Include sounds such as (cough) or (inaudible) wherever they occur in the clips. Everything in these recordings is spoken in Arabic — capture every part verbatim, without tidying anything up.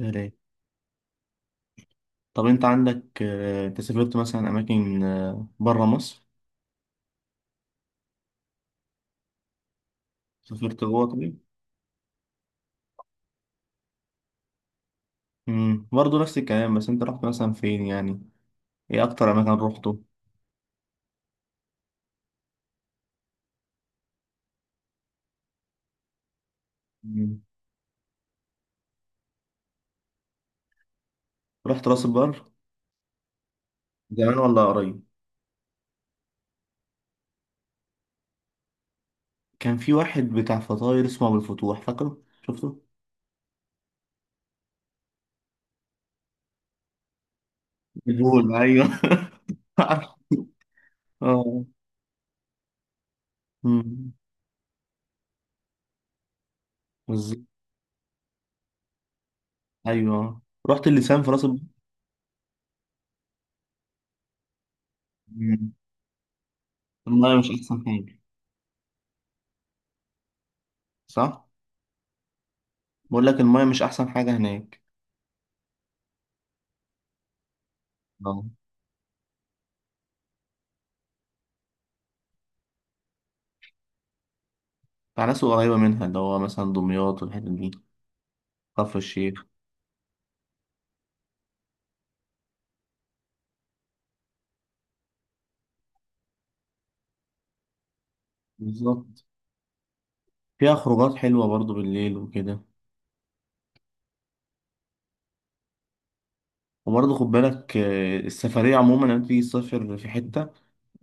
يا ريت. طب انت، عندك آه، انت سافرت مثلا اماكن بره مصر؟ سافرت جوه طبيعي. امم برضه نفس الكلام، بس انت رحت مثلا فين يعني؟ ايه اكتر اماكن روحته؟ مم. رحت راس البر زمان ولا قريب؟ كان في واحد بتاع فطاير اسمه ابو الفتوح، فاكره؟ شفته؟ بيقول ايوه. (laughs) عارف. اه، امم، بالظبط. ايوه، رحت اللسان في راس البر. مم. المايه مش احسن حاجه، صح؟ بقول لك المايه مش احسن حاجه هناك، آه. بتاع ناس قريبة منها اللي هو مثلا دمياط والحتت دي، كفر الشيخ. بالظبط. فيها خروجات حلوة برضو بالليل وكده. وبرضه خد بالك، آه، السفرية عموما لما تيجي تسافر في حتة،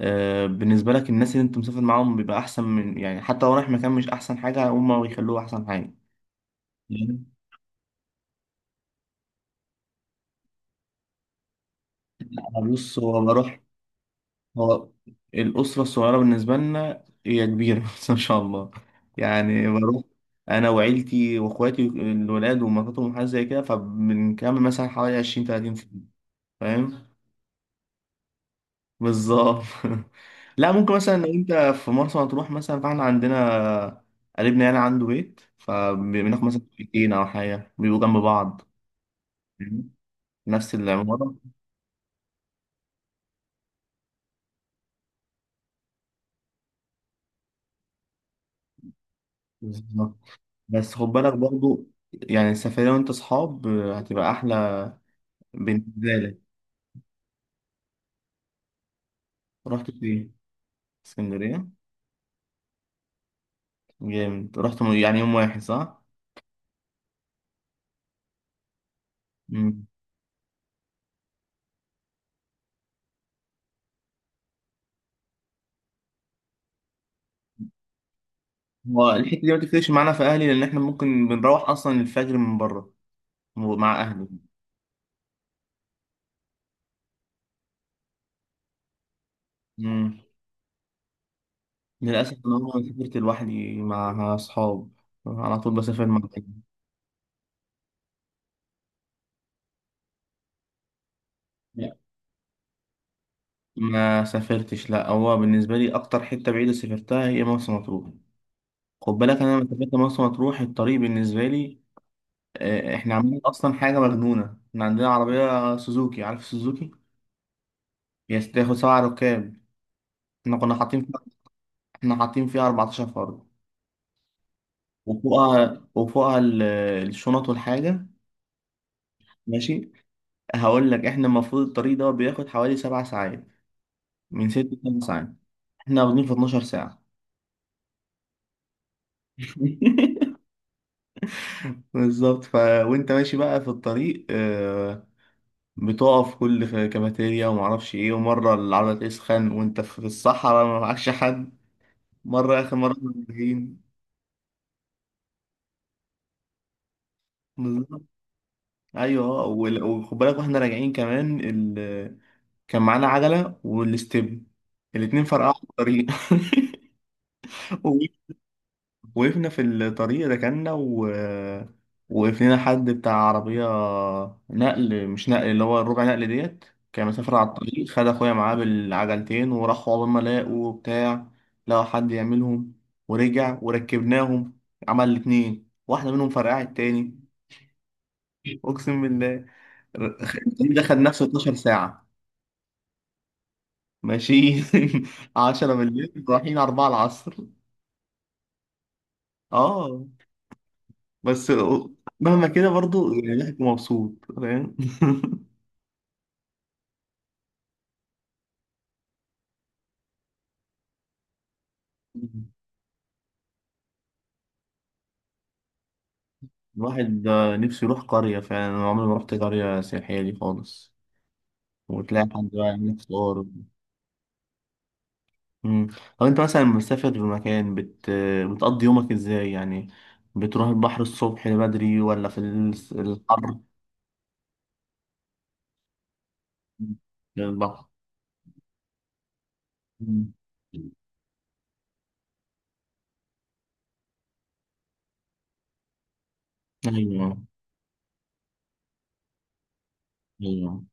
آه، بالنسبة لك الناس اللي انت مسافر معاهم بيبقى أحسن من، يعني حتى لو رايح مكان مش أحسن حاجة، هما بيخلوه أحسن حاجة. يعني أنا بص، هو بروح، هو الأسرة الصغيرة بالنسبة لنا هي كبيرة. (laughs) بس ما شاء الله، يعني بروح أنا وعيلتي وإخواتي الولاد ومراتهم وحاجات زي كده، فبنكمل مثلا حوالي عشرين تلاتين فيلم. فاهم؟ بالظبط. (laughs) لا، ممكن مثلا لو أنت في مرسى مطروح مثلا، فإحنا عندنا قريبنا يعني عنده بيت، فبناخد مثلا بيتين أو حاجة بيبقوا جنب بعض. فاهم؟ نفس العمارة. بالظبط. بس خد بالك برضو، يعني السفرية وأنت أصحاب هتبقى أحلى بالنسبة. رحت فين؟ اسكندرية. جامد. رحت م- يعني يوم واحد، صح؟ مم. هو الحتة دي ما تفرقش معانا في أهلي، لأن إحنا ممكن بنروح أصلا الفجر من بره، مع أهلي. مم. للأسف أنا عمري ما سافرت لوحدي مع أصحاب، على طول بسافر مع أهلي. لا ما سافرتش، لا، هو بالنسبة لي أكتر حتة بعيدة سافرتها هي مرسى مطروح. خد بالك أنا لما سافرت مرسى مطروح الطريق بالنسبة لي، آه، إحنا عاملين أصلا حاجة مجنونة. إحنا عندنا عربية سوزوكي، عارف سوزوكي؟ هي تاخد سبع ركاب، احنا كنا حاطين فيها احنا حاطين فيها أربعتاشر فرد، وفوقها وفوقها ال- الشنط والحاجة. ماشي، هقول لك احنا المفروض الطريق ده بياخد حوالي سبع ساعات، من ست لسبع ساعات، احنا واخدين في اتناشر ساعة. (laughs) بالظبط. ف وانت ماشي بقى في الطريق، آه، بتقف كل في كافيتيريا ومعرفش ايه، ومرة العربية تسخن وانت في الصحراء ما معكش حد، مرة اخر مرة راجعين. بالظبط. ايوه، وال- وخد بالك واحنا راجعين كمان كان معانا عجلة والاستب، الاتنين فرقعوا في الطريق. (laughs) وقف- وقفنا في الطريق، ركنا و وقف لنا حد بتاع عربية نقل، مش نقل، اللي هو الربع نقل ديت، كان مسافر على الطريق، خد أخويا معاه بالعجلتين وراحوا عقبال ما لاقوا بتاع، لقوا حد يعملهم، ورجع وركبناهم. عمل الاتنين، واحدة منهم فرقعت التاني. أقسم بالله. ر- الطريق ده خد نفسه اتناشر ساعة ماشيين. (laughs) عشرة بالليل، رايحين أربعة العصر. اه. بس مهما كده برضو، يعني الواحد مبسوط، فاهم. (laughs) الواحد آه، نفسه يروح قرية فعلا، أنا عمري ما رحت قرية سياحية دي خالص، وتلاقي حد بقى يعمل فطار. مم. طب أنت مثلا مسافر في مكان، بت... بتقضي يومك إزاي يعني؟ بتروح البحر الصبح بدري، ولا في ال- الحر، في البحر؟ مم. أيوه، أيوه،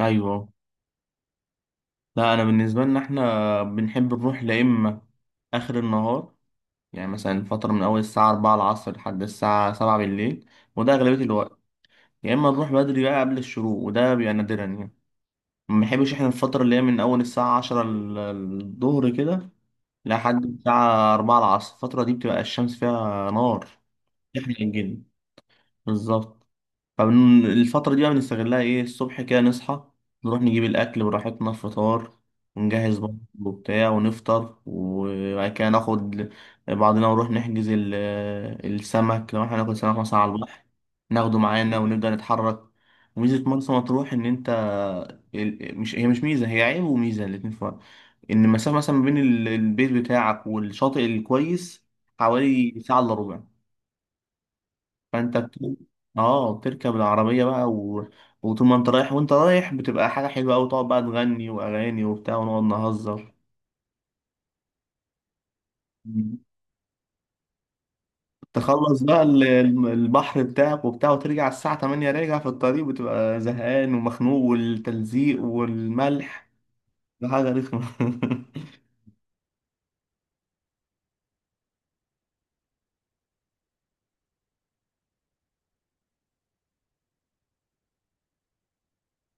أيوه. لا، أنا بالنسبة لنا إحنا بنحب نروح، لا إما آخر النهار، يعني مثلا فترة من أول الساعة أربعة العصر لحد الساعة سبعة بالليل، وده أغلبية الوقت. يا إما نروح بدري بقى قبل الشروق، وده بيبقى نادرا يعني. ما بنحبش إحنا الفترة اللي هي من أول الساعة عشرة ال- الظهر كده لحد الساعة أربعة العصر، الفترة دي بتبقى الشمس فيها نار. إحنا الجن، بالظبط. فالفترة دي بقى بنستغلها إيه، الصبح كده نصحى، نروح نجيب الأكل براحتنا فطار، ونجهز برضه وبتاع، ونفطر، وبعد كده ناخد بعضنا ونروح نحجز ال- آه، السمك، لو احنا هناكل سمك مثلا على البحر، ناخده معانا ونبدأ نتحرك. وميزة مرسى مطروح إن أنت، ال- مش هي مش ميزة، هي عيب وميزة الاتنين في بعض، إن المسافة مثلا ما بين ال- البيت بتاعك والشاطئ الكويس حوالي ساعة إلا ربع. فانت بت... اه بتركب العربية بقى و، وطول ما انت رايح وانت رايح بتبقى حاجة حلوة أوي، تقعد بقى تغني وأغاني وبتاع، ونقعد نهزر. تخلص بقى ال- الم- البحر بتاعك وبتاع، وترجع الساعة تمانية راجع في الطريق بتبقى زهقان ومخنوق والتلزيق والملح، ده حاجة رخمة. (laughs)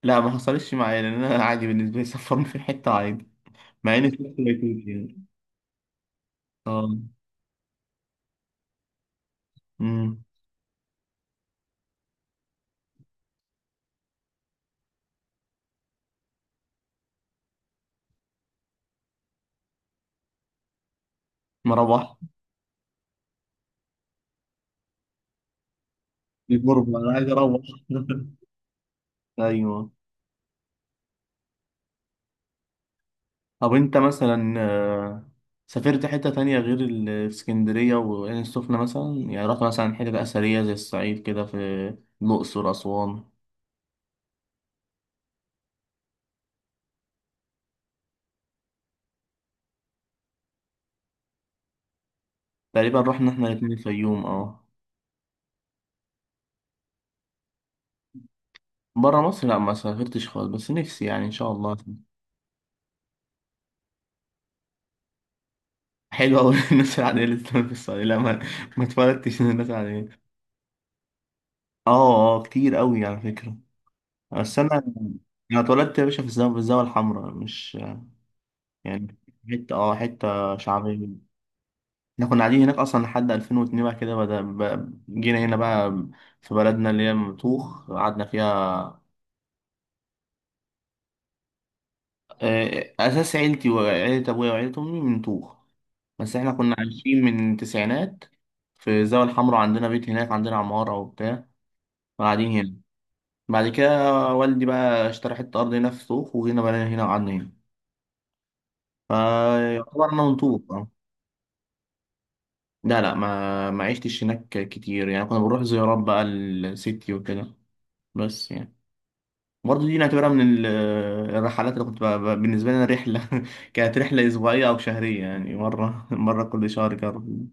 لا، ما حصلش معايا، لأن أنا عادي بالنسبة لي سفرني في حتة عادي، مع إني سافرت بيتوتي يعني. أمم، ما روحت في غربة، أنا عايز أروح. (laughs) أيوه. طب انت مثلا، آه، سافرت حتة تانية غير ال- الاسكندرية وعين السخنة مثلا؟ يعني رحت مثلا حتة أثرية زي الصعيد كده، في الأقصر، أسوان؟ تقريبا رحنا احنا الاتنين الفيوم، اه. برا مصر لا ما سافرتش خالص، بس نفسي يعني إن شاء الله. حلو أوي. (laughs) الناس العادية اللي بتسافر في الصعيد، لا، ما ما اتولدتش من الناس العادية. اه اه، كتير أوي على فكرة. بس أنا أنا اتولدت يا باشا في الزاوية في الزاوية الحمراء، مش يعني، حتة اه حتة شعبية. احنا كنا قاعدين هناك اصلا لحد ألفين واثنين، بعد كده بدأ بقى- جينا هنا بقى، في بلدنا اللي هي مطوخ قعدنا فيها، آه، اساس عيلتي وعيلة ابويا وعيلة امي من طوخ، بس احنا كنا عايشين من التسعينات في الزاوية الحمراء، عندنا بيت هناك، عندنا عمارة وبتاع، قاعدين هنا. بعد كده والدي بقى اشترى حتة ارض هنا في طوخ، وهنا بقى هنا وقعدنا هنا، فيعتبر انا من طوخ، اه. لا لا، ما ما عشتش هناك كتير، يعني كنا بنروح زيارات بقى لستي وكده، بس يعني برضه دي نعتبرها من ال- الرحلات اللي كنت ب... ب- بالنسبة لنا رحلة. (laughs) كانت رحلة أسبوعية أو شهرية، يعني مرة، (laughs) مرة كل شهر. كان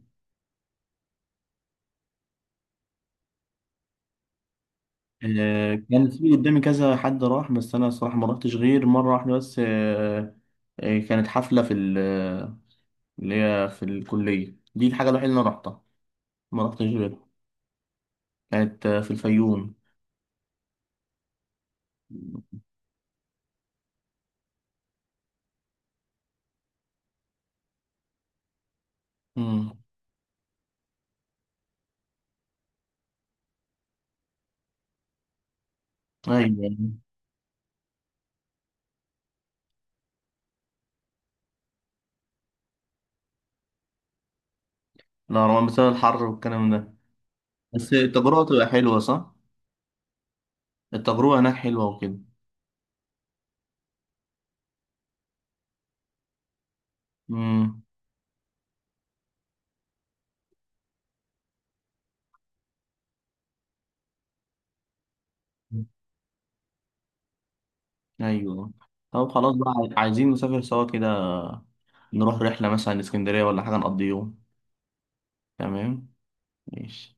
آه، كان في قدامي كذا حد راح، بس أنا الصراحة ما رحتش غير مرة واحدة بس، آه، آه، كانت حفلة في ال... اللي هي في الكلية دي، الحاجة الوحيدة اللي أنا رحتها، ما رحتش غيرها. كانت آه، في الفيوم. مم. أيوة. لا روان، بسبب الحر والكلام ده. بس التجربة تبقى حلوة، صح؟ التجربة هناك حلوة وكده. مم. ايوه. طب خلاص بقى، عايزين نسافر سوا كده، نروح رحلة مثلا اسكندرية ولا حاجة نقضي يوم. تمام. ماشي.